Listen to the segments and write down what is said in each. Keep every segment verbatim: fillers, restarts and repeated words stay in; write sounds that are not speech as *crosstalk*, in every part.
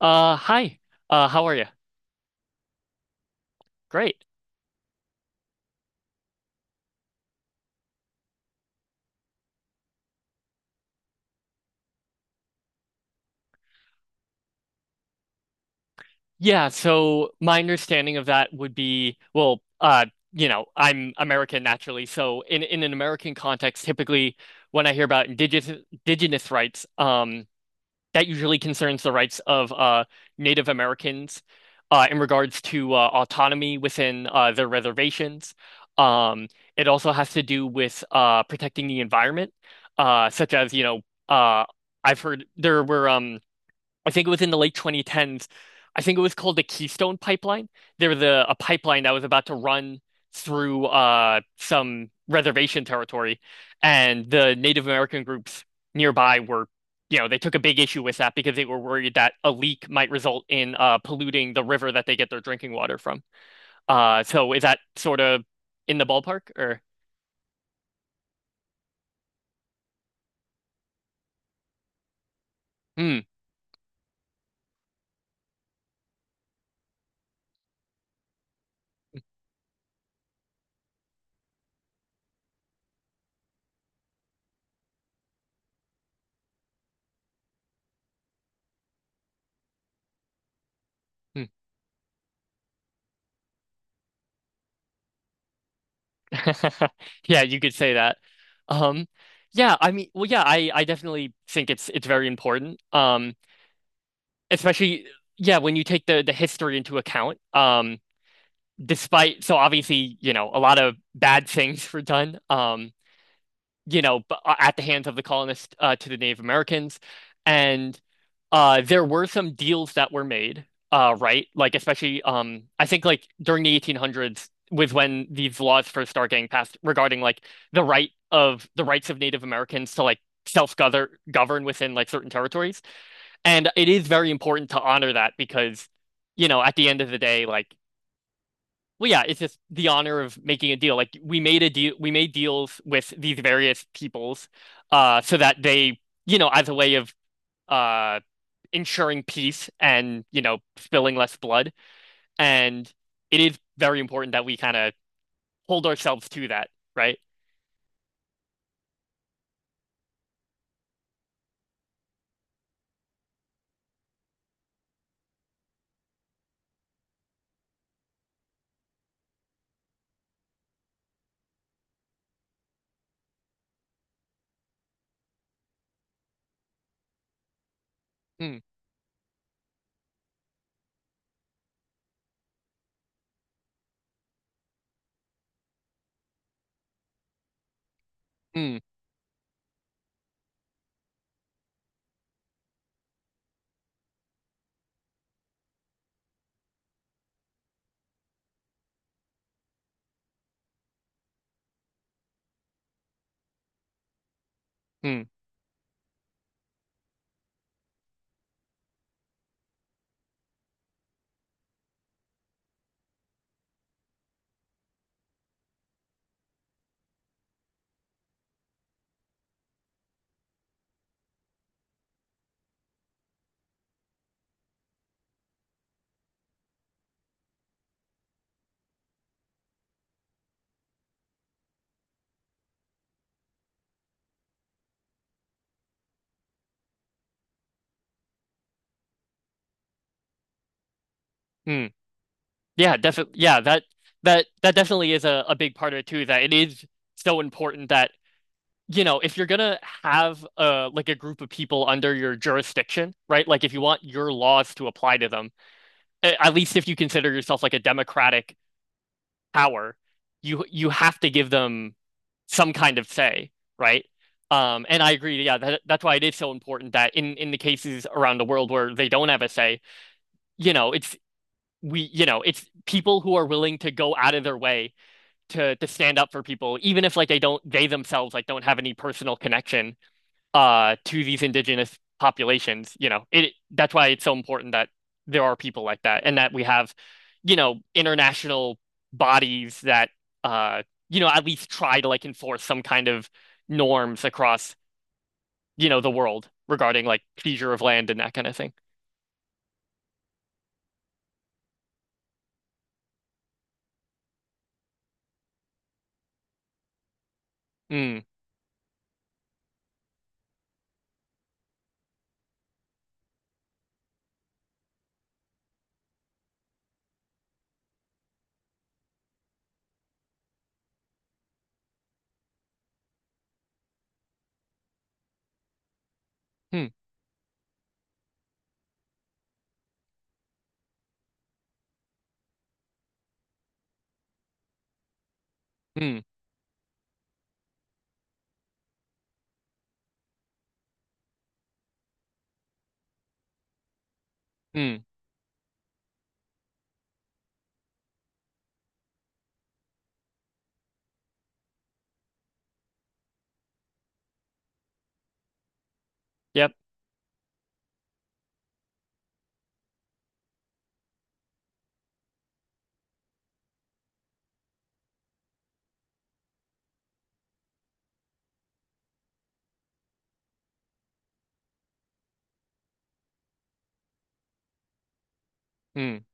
Uh, hi. Uh, how are you? Great. Yeah, so my understanding of that would be, well, uh, you know, I'm American naturally, so in in an American context, typically when I hear about indigenous indigenous rights, um, that usually concerns the rights of uh Native Americans uh in regards to uh, autonomy within uh their reservations. Um, it also has to do with uh protecting the environment, uh, such as, you know, uh I've heard there were um I think it was in the late twenty tens. I think it was called the Keystone Pipeline. There was a, a pipeline that was about to run through uh, some reservation territory, and the Native American groups nearby were, you know, they took a big issue with that because they were worried that a leak might result in uh, polluting the river that they get their drinking water from. Uh, so is that sort of in the ballpark or? Hmm. *laughs* Yeah, you could say that. Um, yeah, I mean, well, yeah, I, I definitely think it's it's very important. Um, especially, yeah, when you take the the history into account. Um, despite, so obviously, you know, a lot of bad things *laughs* were done. Um, you know, at the hands of the colonists uh, to the Native Americans. And uh, there were some deals that were made, uh, right? Like, especially, um, I think, like, during the eighteen hundreds was when these laws first start getting passed regarding, like, the right of the rights of Native Americans to, like, self-govern govern within, like, certain territories. And it is very important to honor that because, you know, at the end of the day, like, well, yeah, it's just the honor of making a deal. Like we made a deal, we made deals with these various peoples, uh, so that they, you know, as a way of uh ensuring peace and, you know, spilling less blood. And it is very important that we kind of hold ourselves to that, right? Mm, mm, mm, mm. Yeah, definitely. Yeah, that that that definitely is a, a big part of it too, that it is so important that you know, if you're gonna have uh like a group of people under your jurisdiction, right? Like if you want your laws to apply to them, a- at least if you consider yourself like a democratic power, you you have to give them some kind of say, right? Um, and I agree, yeah, that, that's why it is so important that in in the cases around the world where they don't have a say, you know, it's we, you know, it's people who are willing to go out of their way to to stand up for people, even if like they don't they themselves like don't have any personal connection uh, to these indigenous populations. You know, it that's why it's so important that there are people like that and that we have, you know, international bodies that uh, you know, at least try to like enforce some kind of norms across, you know, the world regarding like seizure of land and that kind of thing. Mm, mm, mm, mm. Yep. Mm.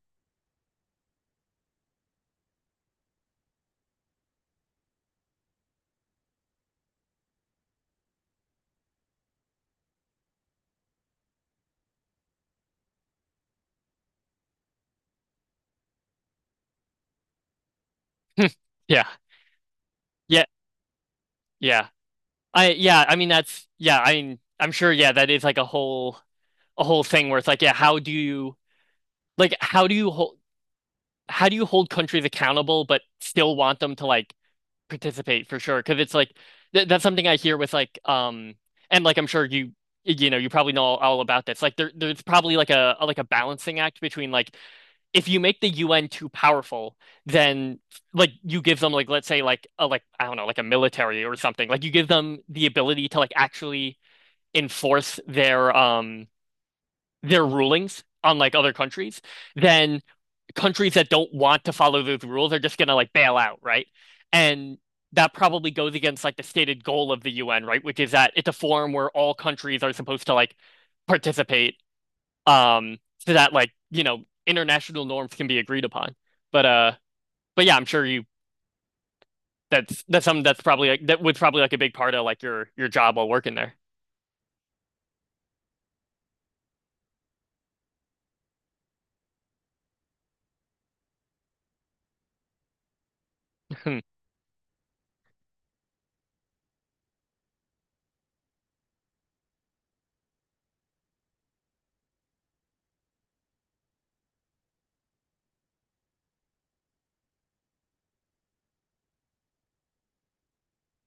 *laughs* Yeah. Yeah. Yeah. I yeah, I mean that's yeah, I mean I'm sure yeah, that is like a whole a whole thing where it's like, yeah, how do you like how do you hold how do you hold countries accountable but still want them to like participate for sure? Because it's like th that's something I hear with like um and like I'm sure you you know you probably know all, all about this. Like there there's probably like a, a like a balancing act between like if you make the U N too powerful, then like you give them like let's say like a like I don't know like a military or something. Like you give them the ability to like actually enforce their um their rulings on like other countries. Then countries that don't want to follow those rules are just going to like bail out, right? And that probably goes against like the stated goal of the U N, right? Which is that it's a forum where all countries are supposed to like participate, um, so that like, you know, international norms can be agreed upon. But uh but yeah, I'm sure you that's that's something that's probably like that was probably like a big part of like your your job while working there. *laughs* Hmm,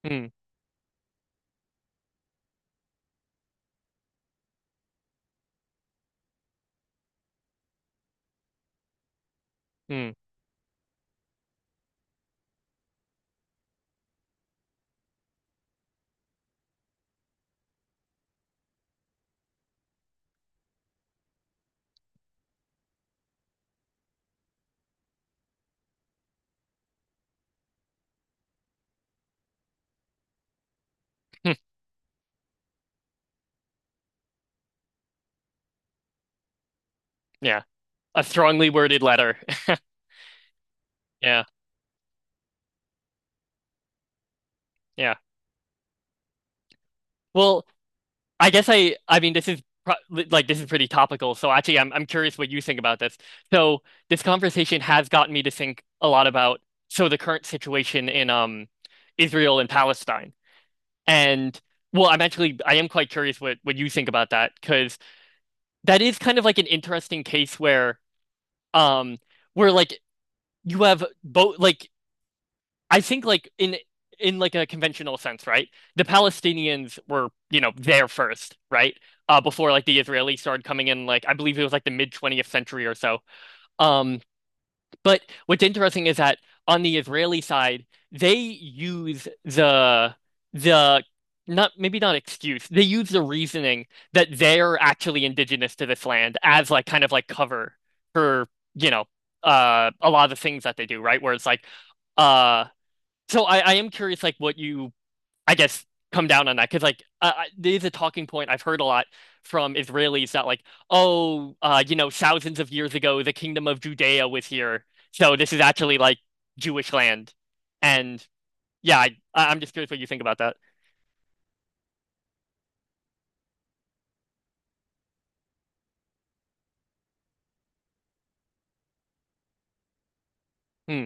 hmm, hmm, hmm. Yeah. A strongly worded letter. *laughs* Yeah, yeah. Well, I guess I I mean this is pro like this is pretty topical. So actually I'm I'm curious what you think about this. So this conversation has gotten me to think a lot about so the current situation in um Israel and Palestine. And well, I'm actually I am quite curious what what you think about that because that is kind of like an interesting case where um where like you have both like I think like in in like a conventional sense, right? The Palestinians were, you know, there first, right? Uh, before like the Israelis started coming in, like I believe it was like the mid twentieth century or so. Um, but what's interesting is that on the Israeli side, they use the the not maybe not excuse. They use the reasoning that they're actually indigenous to this land as like kind of like cover for, you know, uh a lot of the things that they do, right? Where it's like uh so I, I am curious, like, what you, I guess, come down on that. Because, like, uh, I- there's a talking point I've heard a lot from Israelis that, like, oh, uh, you know, thousands of years ago, the kingdom of Judea was here. So this is actually, like, Jewish land. And yeah, I, I- I'm just curious what you think about that. Hmm,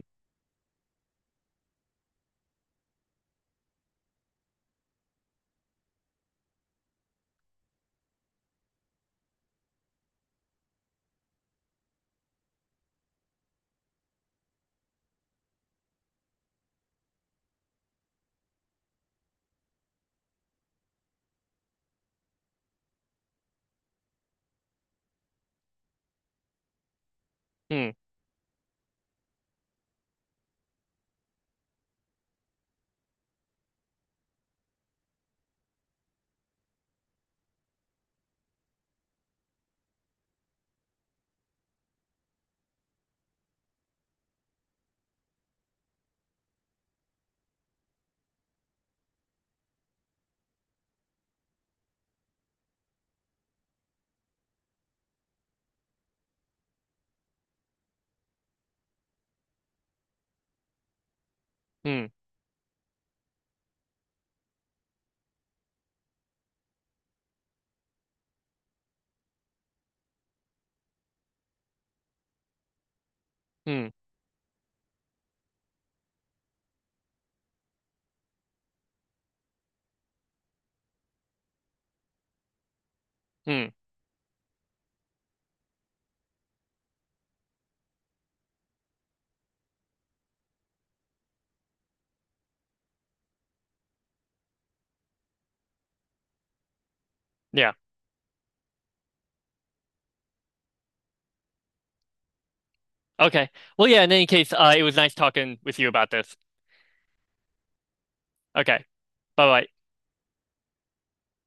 hmm, hmm, hmm, hmm. Yeah. Okay. Well, yeah, in any case, uh, it was nice talking with you about this. Okay. Bye bye.